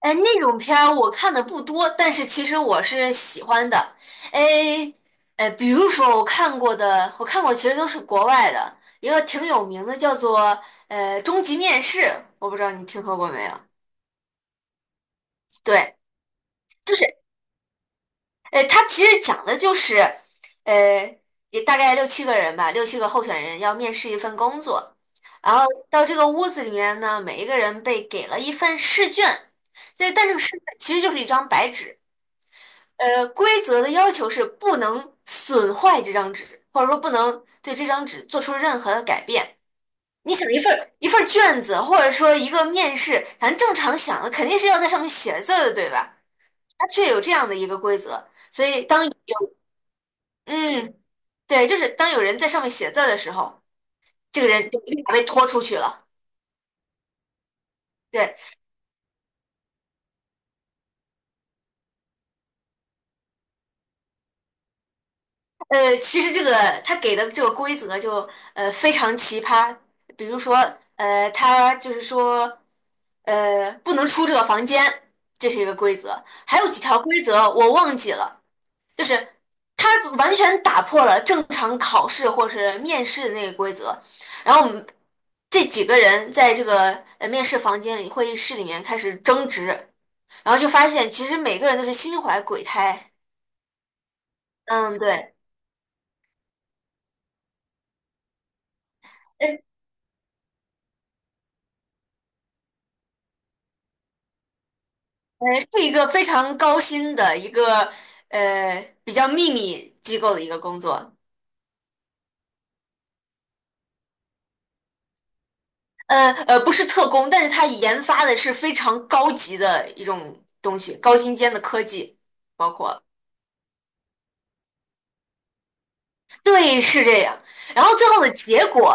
哎，那种片儿我看的不多，但是其实我是喜欢的。哎，比如说我看过的，我看过其实都是国外的，一个挺有名的叫做《终极面试》，我不知道你听说过没有？对，就是它其实讲的就是呃，也大概六七个人吧，六七个候选人要面试一份工作，然后到这个屋子里面呢，每一个人被给了一份试卷，但这个试卷其实就是一张白纸。呃，规则的要求是不能损坏这张纸，或者说不能对这张纸做出任何的改变。你想一份儿卷子，或者说一个面试，咱正常想的肯定是要在上面写字儿的，对吧？它却有这样的一个规则，所以当有嗯，对，就是当有人在上面写字儿的时候，这个人就立马被拖出去了。对，呃，其实这个他给的这个规则就非常奇葩，比如说他就是说不能出这个房间，这是一个规则，还有几条规则我忘记了，就是他完全打破了正常考试或是面试的那个规则，然后我们这几个人在这个面试房间里会议室里面开始争执，然后就发现其实每个人都是心怀鬼胎，嗯，对。呃是一个非常高薪的一个比较秘密机构的一个工作，不是特工，但是它研发的是非常高级的一种东西，高精尖的科技，包括对，是这样。然后最后的结果，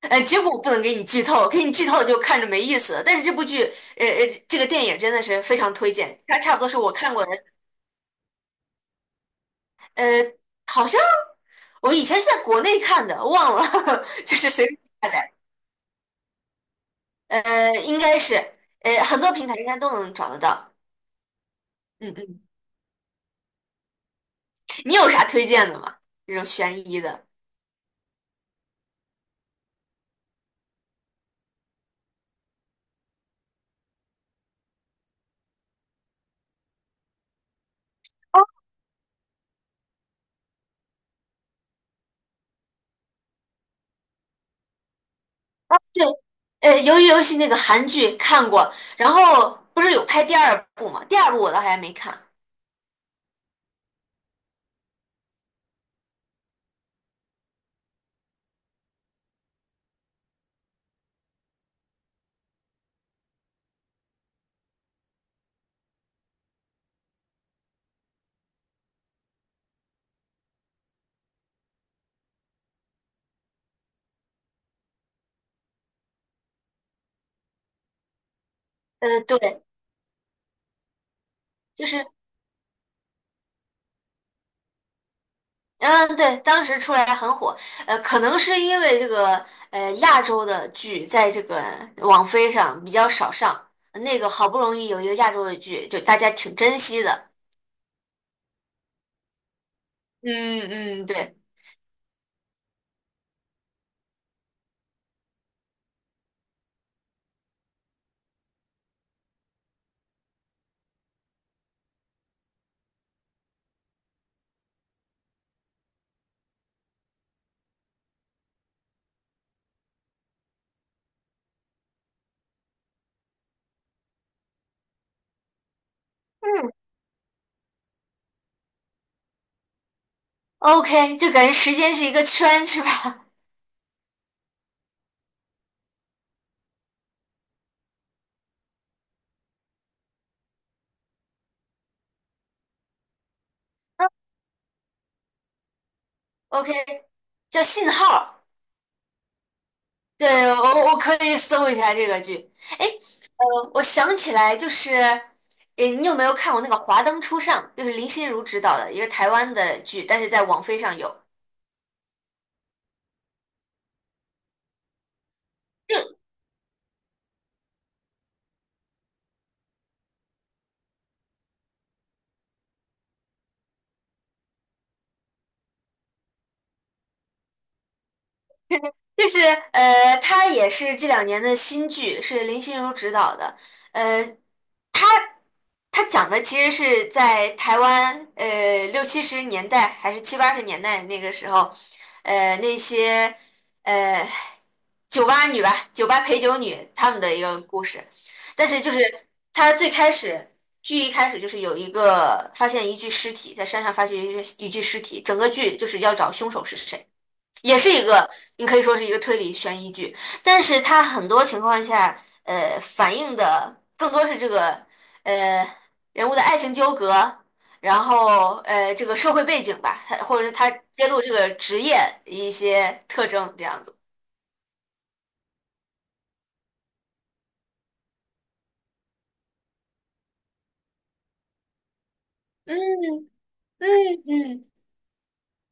呃，结果我不能给你剧透，给你剧透就看着没意思了但是这部剧，这个电影真的是非常推荐，它差不多是我看过的，呃，好像我以前是在国内看的，忘了，就是随便下载。呃，应该是，呃，很多平台应该都能找得到。嗯嗯，你有啥推荐的吗？这种悬疑的。哦，对，呃，鱿鱼游戏那个韩剧看过，然后不是有拍第二部吗？第二部我倒还没看。呃，对，就是，嗯，对，当时出来很火，呃，可能是因为这个，呃，亚洲的剧在这个网飞上比较少上，那个好不容易有一个亚洲的剧，就大家挺珍惜的。嗯嗯，对。嗯。OK,就感觉时间是一个圈，是吧？OK,叫信号。对，我可以搜一下这个剧。哎，呃，我想起来，就是，诶，你有没有看过那个《华灯初上》？就是林心如指导的一个台湾的剧，但是在网飞上有。就是呃，它也是这两年的新剧，是林心如指导的。呃，他讲的其实是在台湾，呃，六七十年代还是七八十年代那个时候，呃，那些呃酒吧女吧，酒吧陪酒女她们的一个故事。但是就是他最开始剧一开始就是有一个发现一具尸体在山上发现一具尸体，整个剧就是要找凶手是谁。也是一个，你可以说是一个推理悬疑剧，但是它很多情况下，呃，反映的更多是这个，呃，人物的爱情纠葛，然后呃，这个社会背景吧，它或者是他揭露这个职业一些特征，这样子。嗯嗯嗯，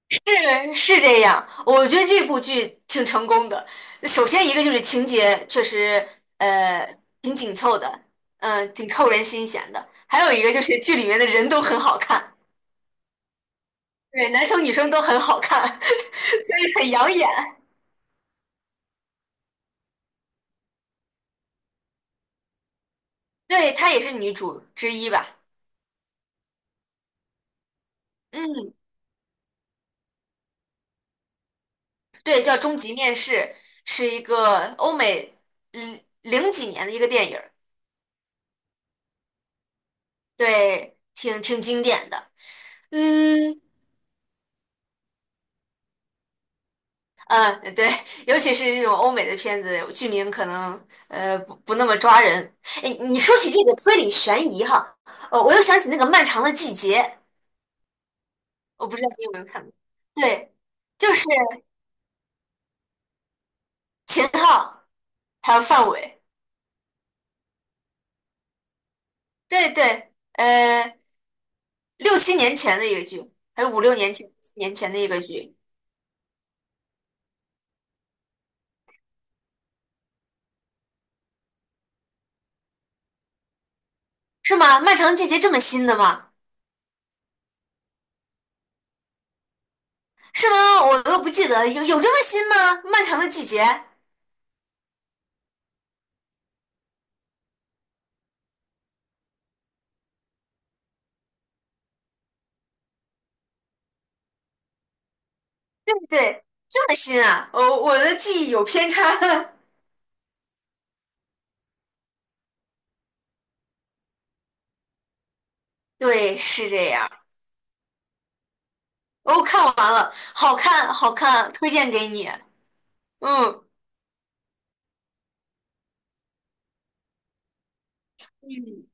是是这样，我觉得这部剧挺成功的。首先一个就是情节确实呃挺紧凑的，嗯、挺扣人心弦的。还有一个就是剧里面的人都很好看。对，男生女生都很好看，所以很养眼。对，她也是女主之一吧？嗯，对，叫《终极面试》，是一个欧美零零几年的一个电影儿，对，挺挺经典的。嗯嗯，对，尤其是这种欧美的片子，剧名可能不那么抓人。哎，你说起这个推理悬疑哈，呃，我又想起那个《漫长的季节》，我不知道你有没有看过？对，就是秦昊还有范伟。对对，呃，六七年前的一个剧，还是五六年前、七年前的一个剧，是吗？漫长的季节这么新的吗？是吗？我都不记得，有这么新吗？漫长的季节，对对，这么新啊！哦，我的记忆有偏差。对，是这样。哦，看完了，好看，好看，推荐给你。嗯嗯，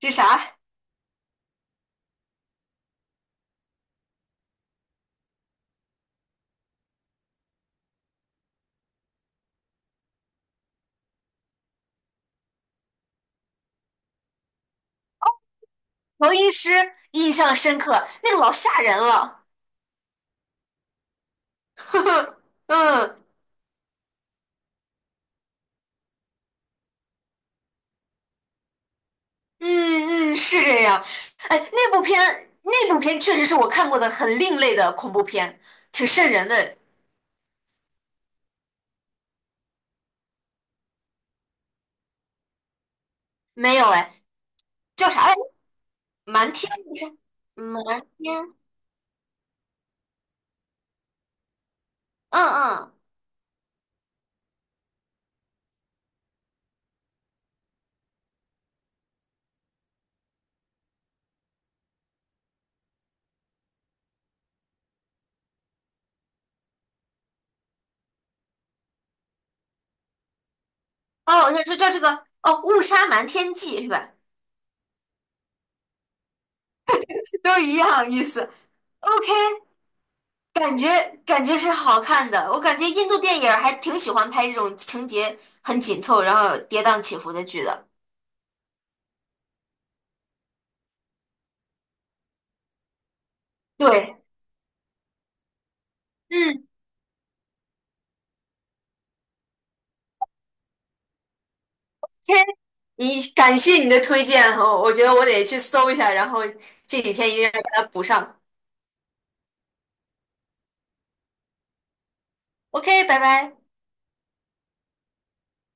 是啥？乔音师印象深刻，那个老吓人了。嗯。嗯嗯，是这样。哎，那部片确实是我看过的很另类的恐怖片，挺瘆人的。没有哎，叫啥来着？瞒天误杀，瞒天，嗯嗯，哦，那就叫这个哦，误杀瞒天记是吧？都一样意思。OK,感觉是好看的，我感觉印度电影儿还挺喜欢拍这种情节很紧凑，然后跌宕起伏的剧的。对，嗯，你感谢你的推荐哦，我觉得我得去搜一下，然后这几天一定要把它补上。OK,拜拜。